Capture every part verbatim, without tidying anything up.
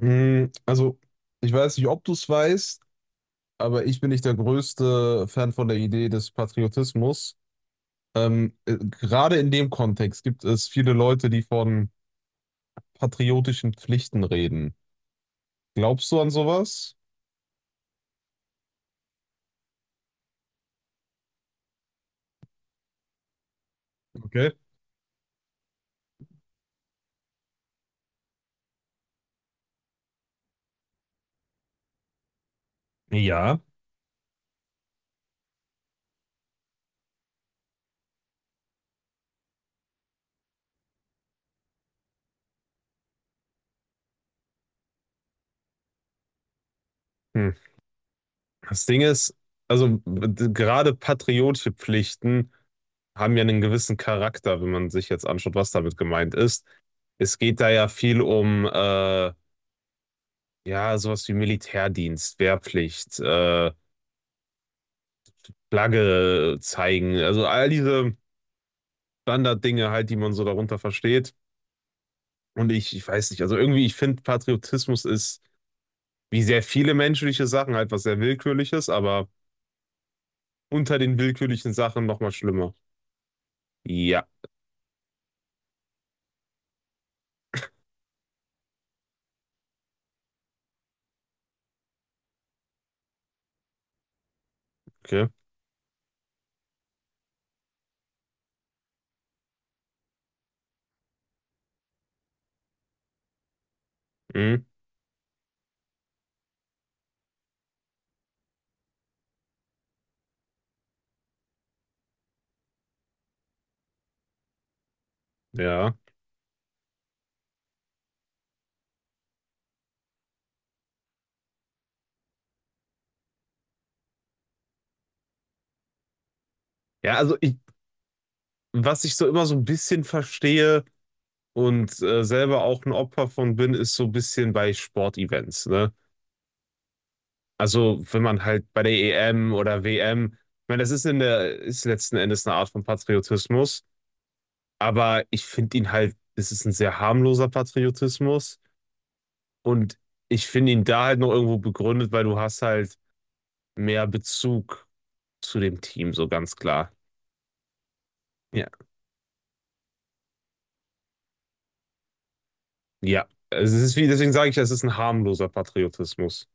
Mm, Also, Ich weiß nicht, ob du es weißt, aber ich bin nicht der größte Fan von der Idee des Patriotismus. Ähm, äh, gerade in dem Kontext gibt es viele Leute, die von patriotischen Pflichten reden. Glaubst du an sowas? Okay. Ja. Hm. Das Ding ist, also d- gerade patriotische Pflichten haben ja einen gewissen Charakter, wenn man sich jetzt anschaut, was damit gemeint ist. Es geht da ja viel um äh, ja, sowas wie Militärdienst, Wehrpflicht, äh, Flagge äh, zeigen, also all diese Standarddinge halt, die man so darunter versteht. Und ich, ich weiß nicht, also irgendwie, ich finde, Patriotismus ist wie sehr viele menschliche Sachen halt was sehr Willkürliches, aber unter den willkürlichen Sachen nochmal schlimmer. Ja, okay. Mhm. Ja. Ja, also ich, was ich so immer so ein bisschen verstehe und äh, selber auch ein Opfer von bin, ist so ein bisschen bei Sportevents, ne? Also, wenn man halt bei der E M oder W M, ich meine, das ist in der, ist letzten Endes eine Art von Patriotismus, aber ich finde ihn halt, es ist ein sehr harmloser Patriotismus und ich finde ihn da halt noch irgendwo begründet, weil du hast halt mehr Bezug zu dem Team, so ganz klar. Ja. Ja, also, es ist wie, deswegen sage ich, es ist ein harmloser Patriotismus.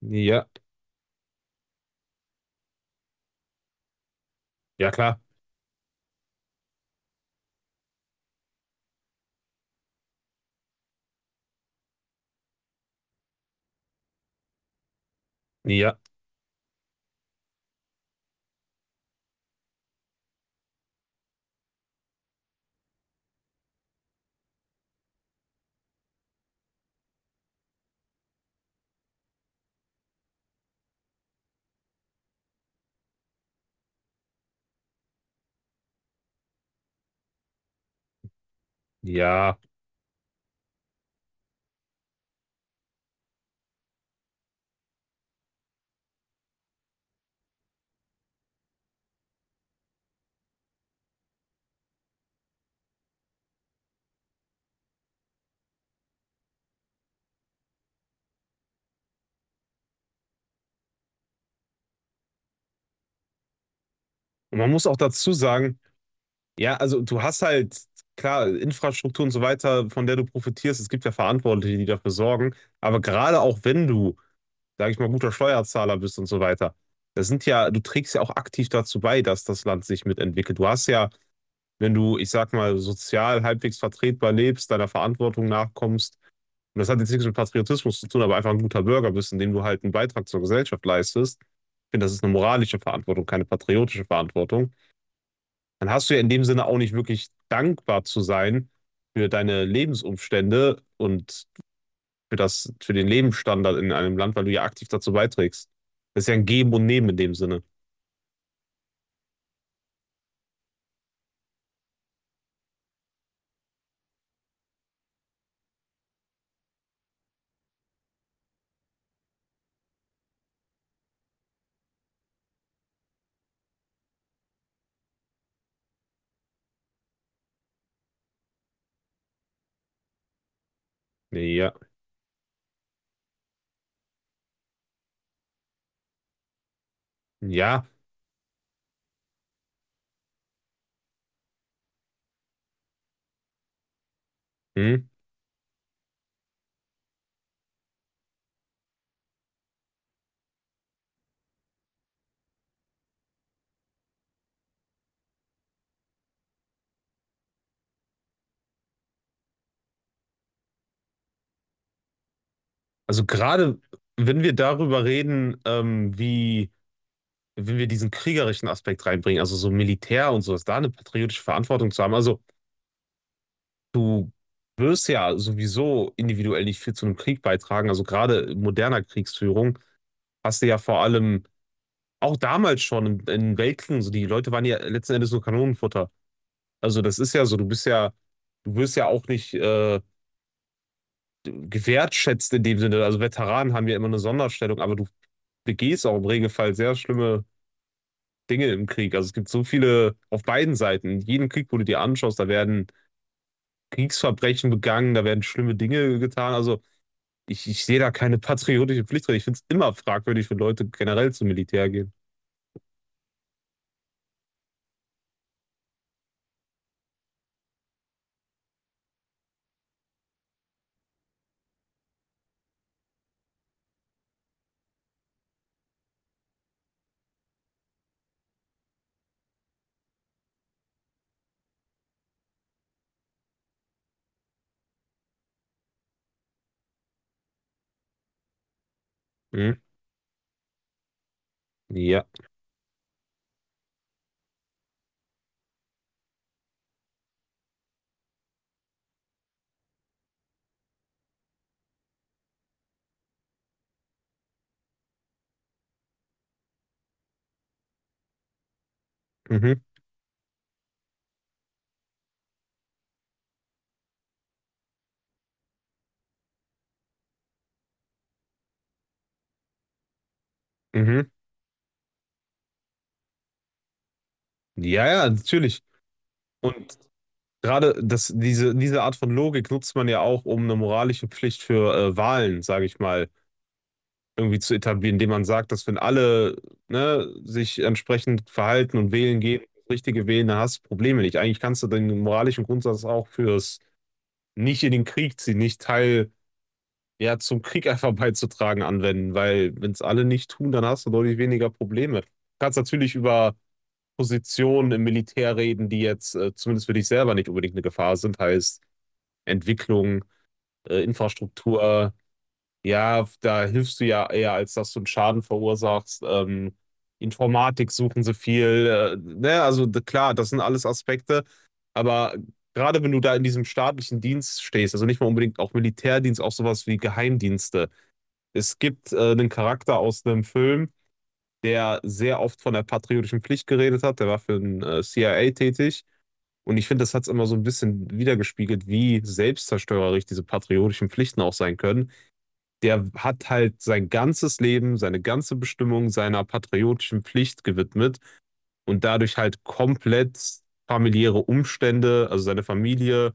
Ja. Ja, klar. Ja. Ja. Und man muss auch dazu sagen, ja, also du hast halt, klar, Infrastruktur und so weiter, von der du profitierst. Es gibt ja Verantwortliche, die dafür sorgen. Aber gerade auch wenn du, sag ich mal, guter Steuerzahler bist und so weiter, das sind ja, du trägst ja auch aktiv dazu bei, dass das Land sich mitentwickelt. Du hast ja, wenn du, ich sag mal, sozial halbwegs vertretbar lebst, deiner Verantwortung nachkommst, und das hat jetzt nichts mit Patriotismus zu tun, aber einfach ein guter Bürger bist, indem du halt einen Beitrag zur Gesellschaft leistest. Ich finde, das ist eine moralische Verantwortung, keine patriotische Verantwortung, dann hast du ja in dem Sinne auch nicht wirklich dankbar zu sein für deine Lebensumstände und für das, für den Lebensstandard in einem Land, weil du ja aktiv dazu beiträgst. Das ist ja ein Geben und Nehmen in dem Sinne. Nee, ja, ja. Hm. Also gerade wenn wir darüber reden, ähm, wie, wenn wir diesen kriegerischen Aspekt reinbringen, also so Militär und sowas, da eine patriotische Verantwortung zu haben. Also du wirst ja sowieso individuell nicht viel zu einem Krieg beitragen. Also gerade in moderner Kriegsführung hast du ja vor allem auch damals schon in, in Weltkriegen, so die Leute waren ja letzten Endes nur Kanonenfutter. Also das ist ja so, du bist ja, du wirst ja auch nicht äh, gewertschätzt in dem Sinne. Also Veteranen haben ja immer eine Sonderstellung, aber du begehst auch im Regelfall sehr schlimme Dinge im Krieg. Also es gibt so viele auf beiden Seiten. In jedem Krieg, wo du dir anschaust, da werden Kriegsverbrechen begangen, da werden schlimme Dinge getan. Also ich, ich sehe da keine patriotische Pflicht drin. Ich finde es immer fragwürdig, wenn Leute generell zum Militär gehen. Mhm. Ja. Mhm. Mhm. Ja, ja, natürlich. Und gerade das, diese, diese Art von Logik nutzt man ja auch, um eine moralische Pflicht für äh, Wahlen, sage ich mal, irgendwie zu etablieren, indem man sagt, dass wenn alle, ne, sich entsprechend verhalten und wählen gehen, das Richtige wählen, dann hast du Probleme nicht. Eigentlich kannst du den moralischen Grundsatz auch fürs nicht in den Krieg ziehen, nicht Teil ja zum Krieg einfach beizutragen anwenden, weil wenn es alle nicht tun, dann hast du deutlich weniger Probleme. Du kannst natürlich über Positionen im Militär reden, die jetzt äh, zumindest für dich selber nicht unbedingt eine Gefahr sind, heißt Entwicklung, äh, Infrastruktur. Ja, da hilfst du ja eher, als dass du einen Schaden verursachst. Ähm, Informatik suchen sie viel. Äh, ne, also d- klar, das sind alles Aspekte. Aber gerade wenn du da in diesem staatlichen Dienst stehst, also nicht mal unbedingt auch Militärdienst, auch sowas wie Geheimdienste. Es gibt äh, einen Charakter aus einem Film, der sehr oft von der patriotischen Pflicht geredet hat. Der war für den äh, C I A tätig. Und ich finde, das hat's immer so ein bisschen wiedergespiegelt, wie selbstzerstörerisch diese patriotischen Pflichten auch sein können. Der hat halt sein ganzes Leben, seine ganze Bestimmung seiner patriotischen Pflicht gewidmet und dadurch halt komplett familiäre Umstände, also seine Familie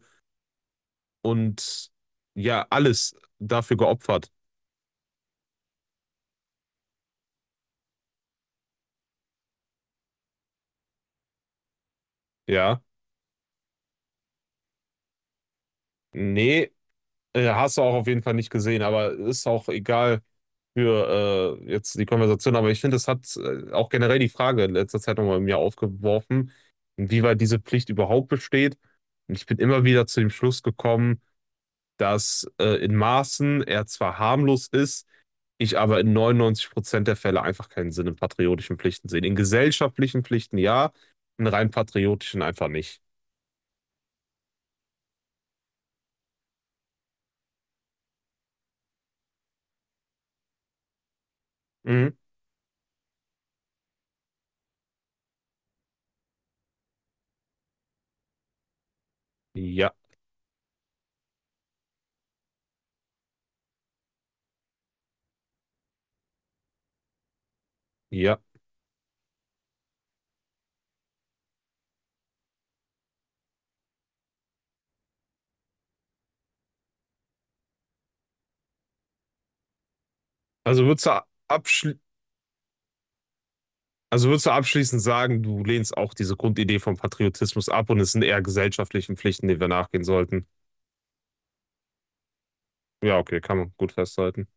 und ja, alles dafür geopfert. Ja, nee, äh, hast du auch auf jeden Fall nicht gesehen, aber ist auch egal für äh, jetzt die Konversation, aber ich finde, es hat äh, auch generell die Frage in letzter Zeit nochmal in mir aufgeworfen, inwieweit diese Pflicht überhaupt besteht. Und ich bin immer wieder zu dem Schluss gekommen, dass äh, in Maßen er zwar harmlos ist, ich aber in neunundneunzig Prozent der Fälle einfach keinen Sinn in patriotischen Pflichten sehe. In gesellschaftlichen Pflichten ja, in rein patriotischen einfach nicht. Mhm. Ja, ja. Also würdest du abschli- Also würdest du abschließend sagen, du lehnst auch diese Grundidee vom Patriotismus ab und es sind eher gesellschaftlichen Pflichten, denen wir nachgehen sollten? Ja, okay, kann man gut festhalten.